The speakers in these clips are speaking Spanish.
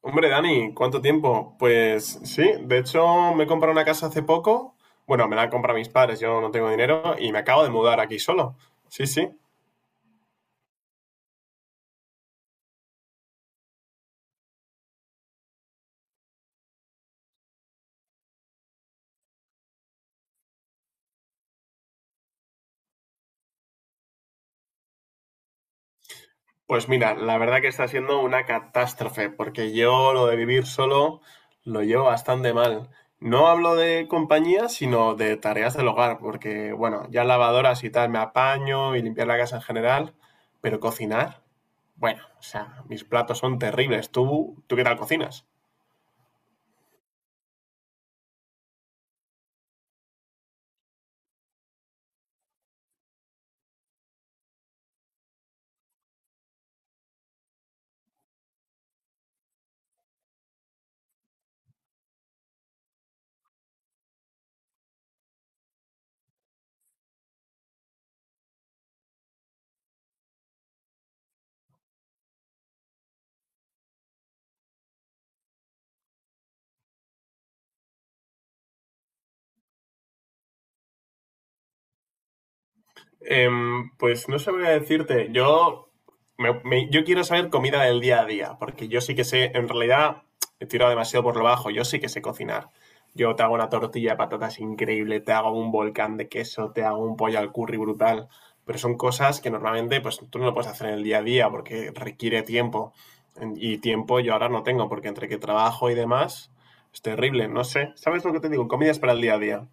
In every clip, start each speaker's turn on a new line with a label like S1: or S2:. S1: Hombre, Dani, ¿cuánto tiempo? Pues sí, de hecho me he comprado una casa hace poco. Bueno, me la han comprado mis padres, yo no tengo dinero y me acabo de mudar aquí solo. Sí, sí. Pues mira, la verdad que está siendo una catástrofe, porque yo lo de vivir solo lo llevo bastante mal. No hablo de compañía, sino de tareas del hogar, porque bueno, ya lavadoras y tal me apaño y limpiar la casa en general, pero cocinar, bueno, o sea, mis platos son terribles. ¿Tú qué tal cocinas? Pues no sabría decirte. Yo quiero saber comida del día a día, porque yo sí que sé, en realidad he tirado demasiado por lo bajo, yo sí que sé cocinar. Yo te hago una tortilla de patatas increíble, te hago un volcán de queso, te hago un pollo al curry brutal, pero son cosas que normalmente pues tú no lo puedes hacer en el día a día porque requiere tiempo. Y tiempo yo ahora no tengo, porque entre que trabajo y demás, es terrible, no sé. ¿Sabes lo que te digo? Comidas para el día a día.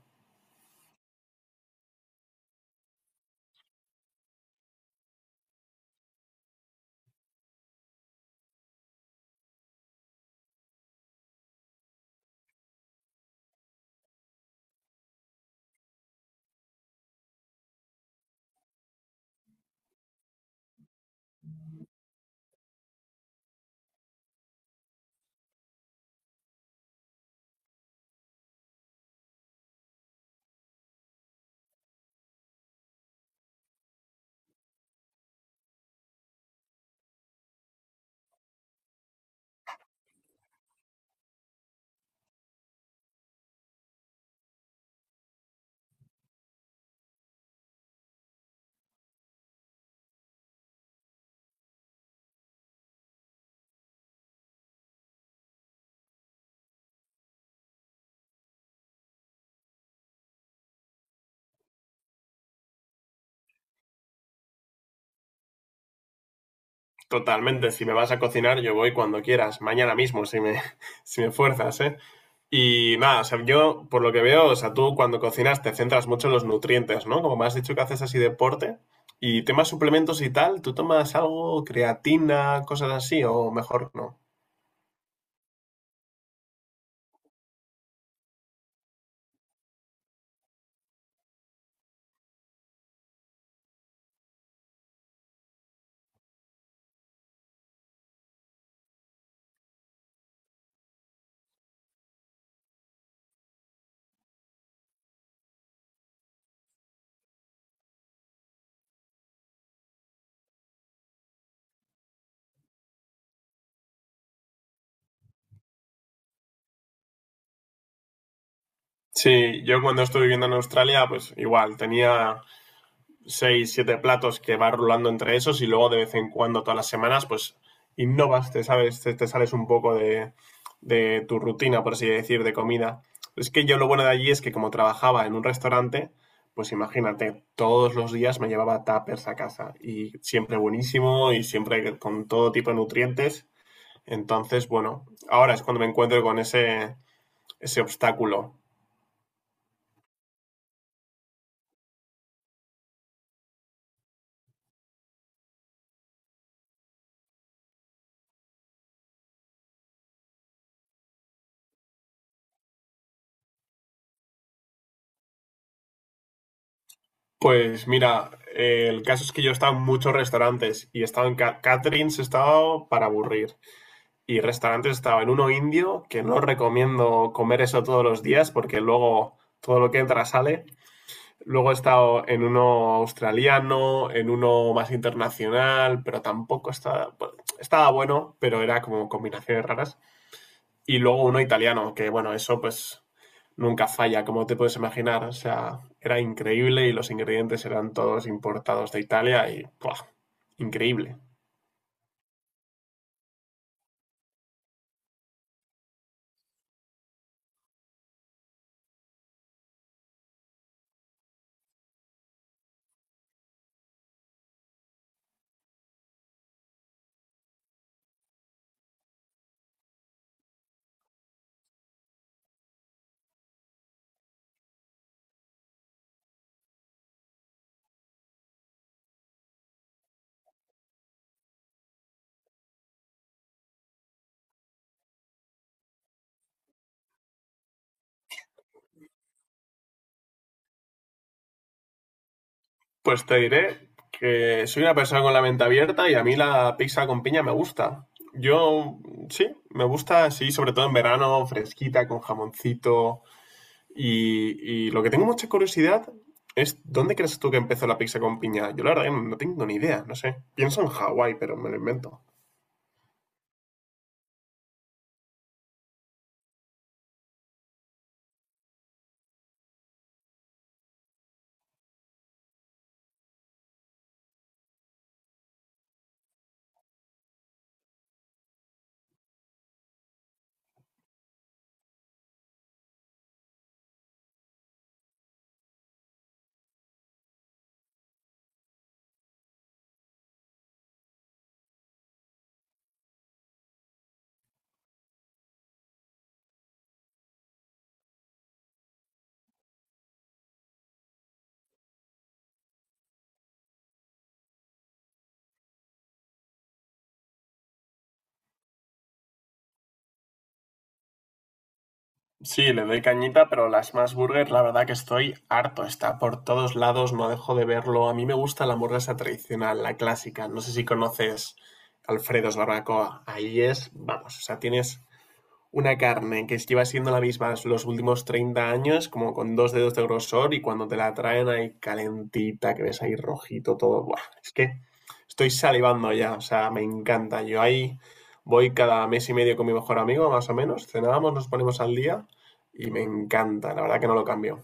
S1: Totalmente, si me vas a cocinar yo voy cuando quieras, mañana mismo si me, si me fuerzas, ¿eh? Y nada, o sea, yo por lo que veo, o sea, tú cuando cocinas te centras mucho en los nutrientes, ¿no? Como me has dicho que haces así deporte y temas suplementos y tal, ¿tú tomas algo, creatina, cosas así o mejor no? Sí, yo cuando estuve viviendo en Australia, pues igual, tenía seis, siete platos que vas rulando entre esos y luego de vez en cuando, todas las semanas, pues innovas, te, sabes, te sales un poco de tu rutina, por así decir, de comida. Es que yo lo bueno de allí es que como trabajaba en un restaurante, pues imagínate, todos los días me llevaba tuppers a casa y siempre buenísimo y siempre con todo tipo de nutrientes. Entonces, bueno, ahora es cuando me encuentro con ese obstáculo. Pues mira, el caso es que yo he estado en muchos restaurantes y he estado en caterings, he estado para aburrir. Y restaurantes he estado en uno indio, que no recomiendo comer eso todos los días porque luego todo lo que entra sale. Luego he estado en uno australiano, en uno más internacional, pero tampoco estaba, bueno, estaba bueno, pero era como combinaciones raras y luego uno italiano, que bueno, eso pues nunca falla, como te puedes imaginar. O sea, era increíble y los ingredientes eran todos importados de Italia y ¡buah! Increíble. Pues te diré que soy una persona con la mente abierta y a mí la pizza con piña me gusta. Yo sí, me gusta así, sobre todo en verano, fresquita, con jamoncito. Y lo que tengo mucha curiosidad es, ¿dónde crees tú que empezó la pizza con piña? Yo la verdad que no tengo ni idea, no sé. Pienso en Hawái, pero me lo invento. Sí, le doy cañita, pero la Smash Burger, la verdad que estoy harto. Está por todos lados, no dejo de verlo. A mí me gusta la hamburguesa tradicional, la clásica. No sé si conoces Alfredo's Barbacoa. Ahí es, vamos, o sea, tienes una carne que lleva siendo la misma los últimos 30 años, como con dos dedos de grosor, y cuando te la traen ahí calentita, que ves ahí rojito todo. Buah, es que estoy salivando ya, o sea, me encanta. Yo ahí voy cada mes y medio con mi mejor amigo, más o menos. Cenábamos, nos ponemos al día y me encanta, la verdad que no lo cambio.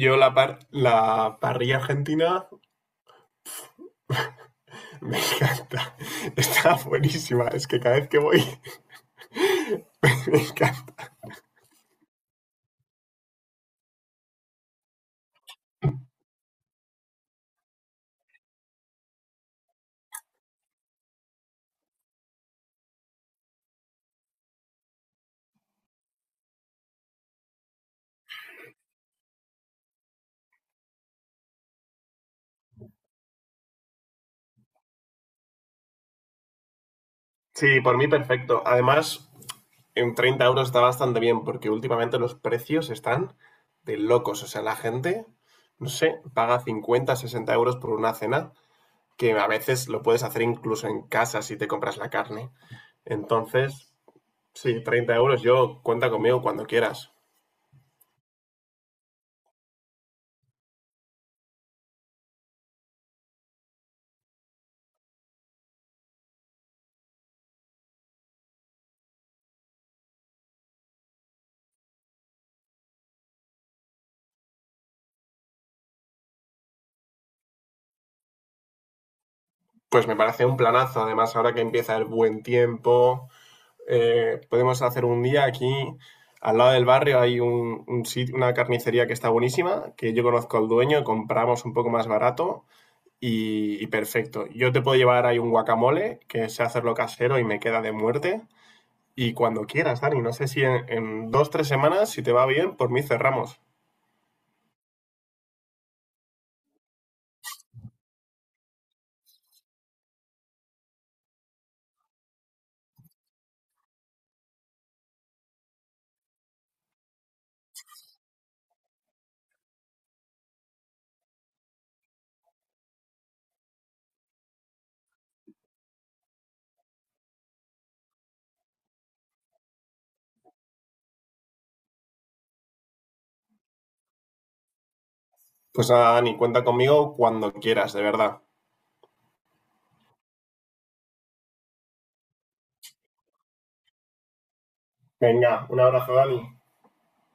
S1: Yo la, par La parrilla argentina me encanta, está buenísima, es que cada vez que voy me encanta. Sí, por mí perfecto. Además, en 30 euros está bastante bien, porque últimamente los precios están de locos. O sea, la gente, no sé, paga 50, 60 euros por una cena, que a veces lo puedes hacer incluso en casa si te compras la carne. Entonces, sí, 30 euros, yo cuenta conmigo cuando quieras. Pues me parece un planazo, además ahora que empieza el buen tiempo, podemos hacer un día aquí, al lado del barrio hay una carnicería que está buenísima, que yo conozco al dueño, compramos un poco más barato y perfecto. Yo te puedo llevar ahí un guacamole, que sé hacerlo casero y me queda de muerte. Y cuando quieras, Dani, no sé si en dos, tres semanas, si te va bien, por mí cerramos. Pues nada, Dani, cuenta conmigo cuando quieras, de verdad. Venga, un abrazo, Dani.